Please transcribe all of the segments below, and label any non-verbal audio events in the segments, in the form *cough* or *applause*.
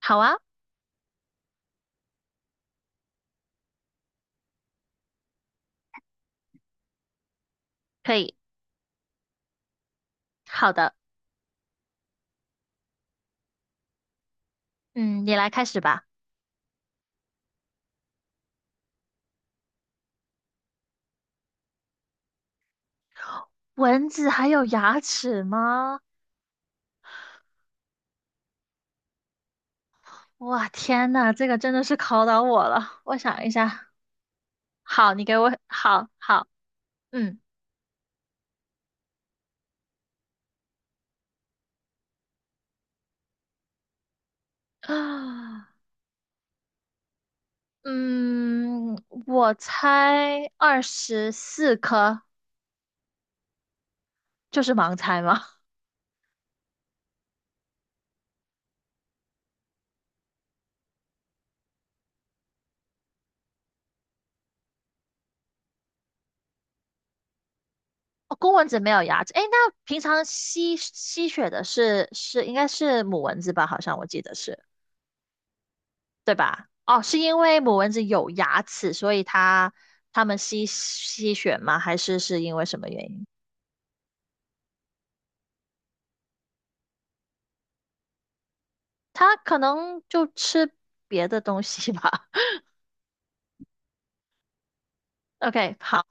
好啊，可以，好的，嗯，你来开始吧。蚊子还有牙齿吗？哇，天呐，这个真的是考倒我了。我想一下，好，你给我，好好，嗯，啊，嗯，我猜24颗，就是盲猜吗？哦，公蚊子没有牙齿，诶，那平常吸血的是应该是母蚊子吧？好像我记得是。对吧？哦，是因为母蚊子有牙齿，所以它们吸血吗？还是因为什么原因？它可能就吃别的东西吧。*laughs* OK，好，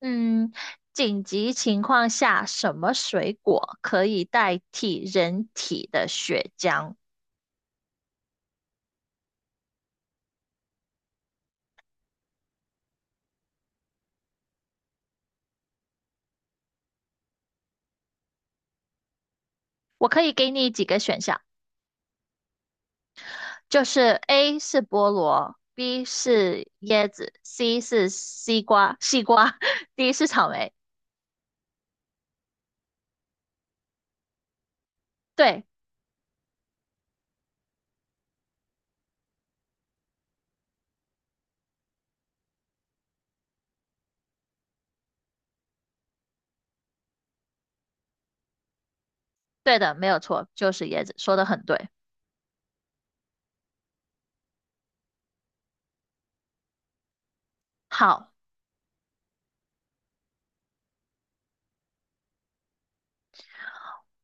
嗯，紧急情况下，什么水果可以代替人体的血浆？我可以给你几个选项，就是 A 是菠萝，B 是椰子，C 是西瓜，西瓜 *laughs*，D 是草莓。对，对的，没有错，就是椰子，说的很对。好，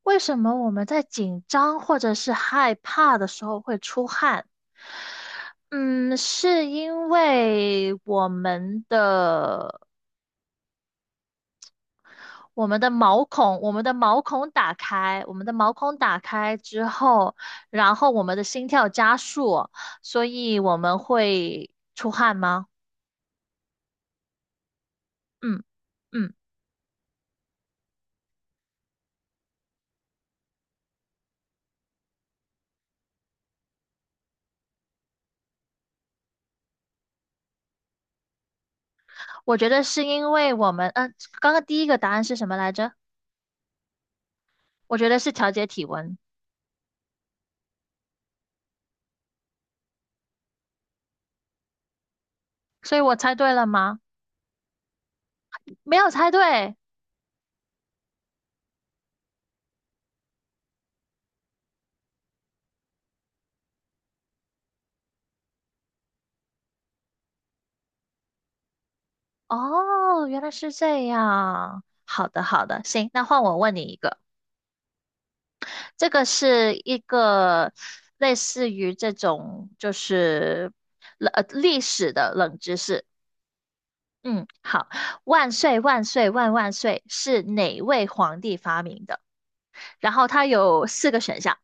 为什么我们在紧张或者是害怕的时候会出汗？嗯，是因为我们的毛孔，我们的毛孔打开，我们的毛孔打开之后，然后我们的心跳加速，所以我们会出汗吗？嗯嗯，我觉得是因为我们，刚刚第一个答案是什么来着？我觉得是调节体温。所以我猜对了吗？没有猜对。哦，原来是这样。好的，好的，行，那换我问你一个，这个是一个类似于这种就是冷历史的冷知识。嗯，好，万岁万岁万万岁是哪位皇帝发明的？然后它有四个选项。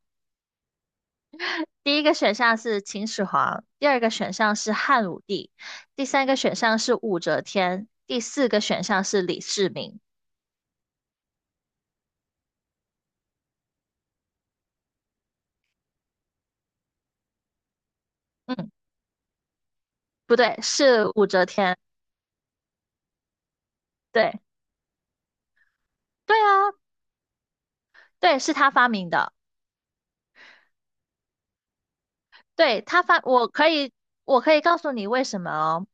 第一个选项是秦始皇，第二个选项是汉武帝，第三个选项是武则天，第四个选项是李世民。嗯，不对，是武则天。对，对啊，对，是他发明的。对，他发，我可以告诉你为什么哦，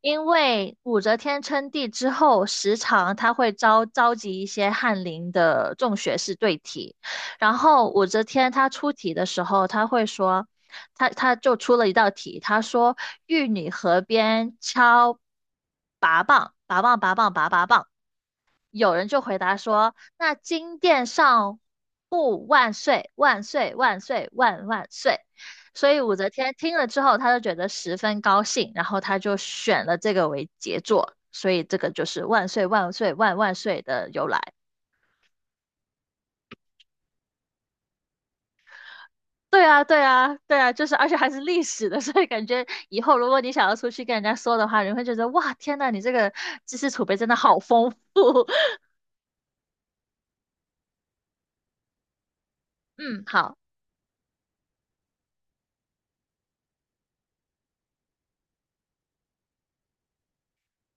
因为武则天称帝之后，时常他会召集一些翰林的众学士对题，然后武则天她出题的时候，她会说，她就出了一道题，她说玉女河边敲拔棒，拔棒拔棒拔拔棒。有人就回答说：“那金殿上护万岁，万岁，万岁，万万岁。”所以武则天听了之后，她就觉得十分高兴，然后她就选了这个为杰作，所以这个就是“万岁，万岁，万万岁”的由来。对啊，对啊，对啊，就是而且还是历史的，*laughs* 所以感觉以后如果你想要出去跟人家说的话，你会觉得哇，天呐，你这个知识储备真的好丰富。*laughs* 嗯，好，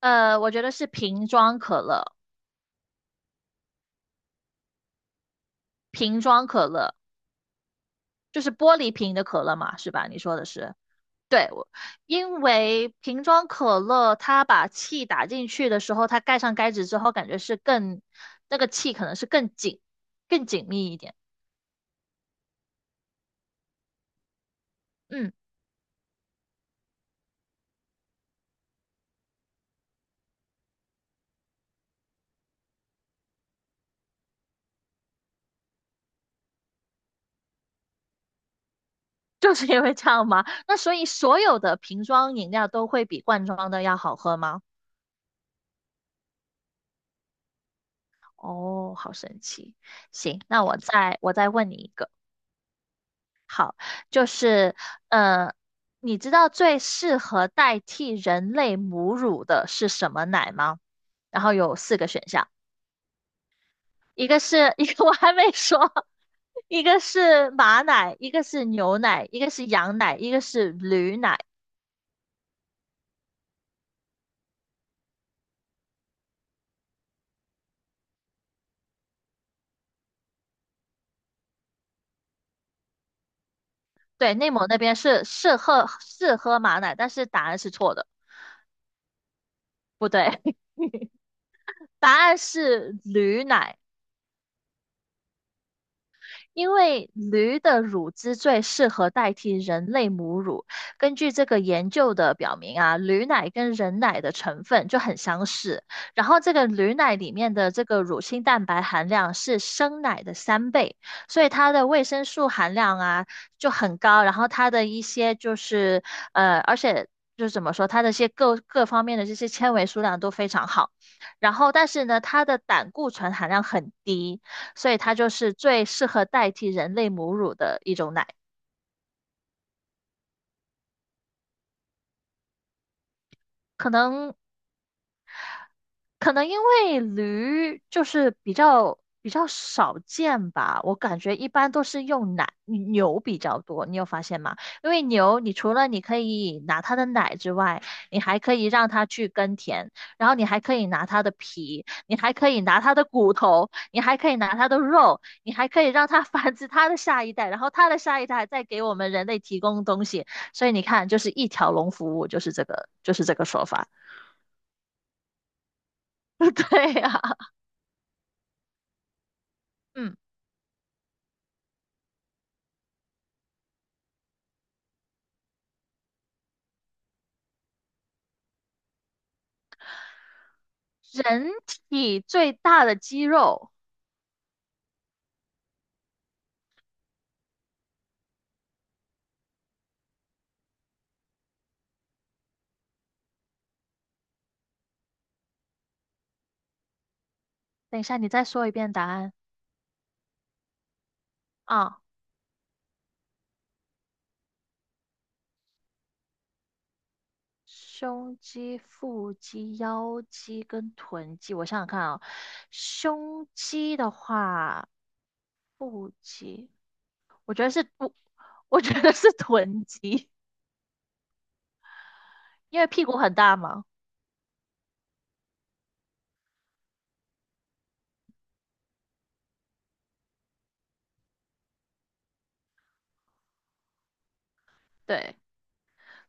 我觉得是瓶装可乐，瓶装可乐。就是玻璃瓶的可乐嘛，是吧？你说的是，因为瓶装可乐它把气打进去的时候，它盖上盖子之后，感觉是更，那个气可能是更紧密一点。嗯，*laughs* 就是因为这样吗？那所以所有的瓶装饮料都会比罐装的要好喝吗？哦，好神奇。行，那我再问你一个，就是呃，你知道最适合代替人类母乳的是什么奶吗？然后有四个选项，一个是 *laughs* 一个我还没说，一个是马奶，一个是牛奶，一个是羊奶，一个是驴奶。对，内蒙那边是是喝是喝马奶，但是答案是错的，不对，*laughs* 答案是驴奶。因为驴的乳汁最适合代替人类母乳。根据这个研究的表明啊，驴奶跟人奶的成分就很相似，然后这个驴奶里面的这个乳清蛋白含量是生奶的3倍，所以它的维生素含量啊就很高，然后它的一些就是而且。就是怎么说，它的一些各方面的这些纤维数量都非常好，然后但是呢，它的胆固醇含量很低，所以它就是最适合代替人类母乳的一种奶。可能可能因为驴就是比较少见吧，我感觉一般都是用奶，牛比较多，你有发现吗？因为牛，你除了你可以拿它的奶之外，你还可以让它去耕田，然后你还可以拿它的皮，你还可以拿它的骨头，你还可以拿它的肉，你还可以让它 *laughs* 繁殖它的下一代，然后它的下一代再给我们人类提供东西，所以你看，就是一条龙服务，就是这个，就是这个说法，*laughs* 对呀、*laughs* 嗯。人体最大的肌肉，等一下，你再说一遍答案啊。胸肌、腹肌、腰肌跟臀肌，我想想看啊、胸肌的话，腹肌，我觉得是不，我觉得是臀肌，因为屁股很大嘛。对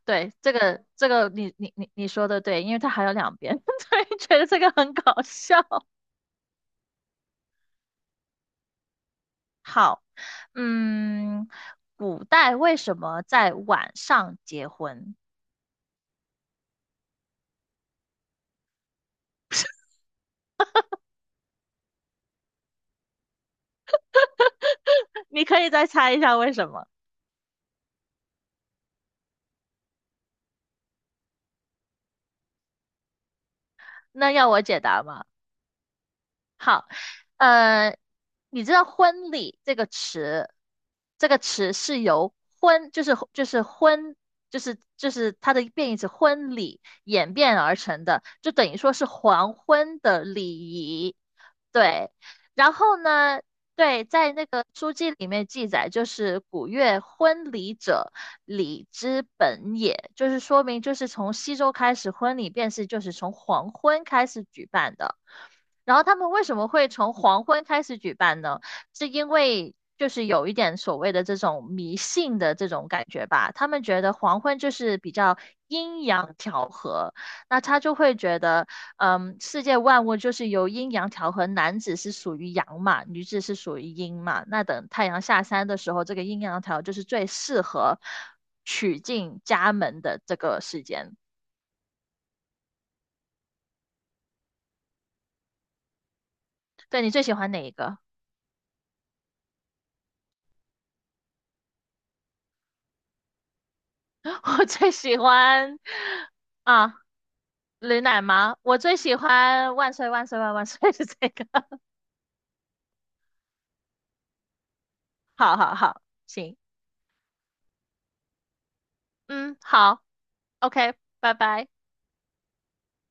对，这个你说的对，因为它还有两边，*laughs* 对，觉得这个很搞笑。好，嗯，古代为什么在晚上结婚？*laughs* 你可以再猜一下为什么？那要我解答吗？好，呃，你知道“婚礼”这个词，这个词是由“婚”就是“婚”就是它的变义词“婚礼”演变而成的，就等于说是黄昏的礼仪。对，然后呢，对，在那个书籍里面记载，就是古月婚礼者，礼之本也，就是说明就是从西周开始，婚礼便是就是从黄昏开始举办的。然后他们为什么会从黄昏开始举办呢？是因为就是有一点所谓的这种迷信的这种感觉吧。他们觉得黄昏就是比较阴阳调和，那他就会觉得，世界万物就是由阴阳调和，男子是属于阳嘛，女子是属于阴嘛。那等太阳下山的时候，这个阴阳调就是最适合娶进家门的这个时间。对你最喜欢哪一个？*laughs* 我最喜欢啊。驴奶吗？我最喜欢万岁万岁万万岁 *laughs* 是这个。*laughs* 好好好，行，嗯，好，OK，拜拜。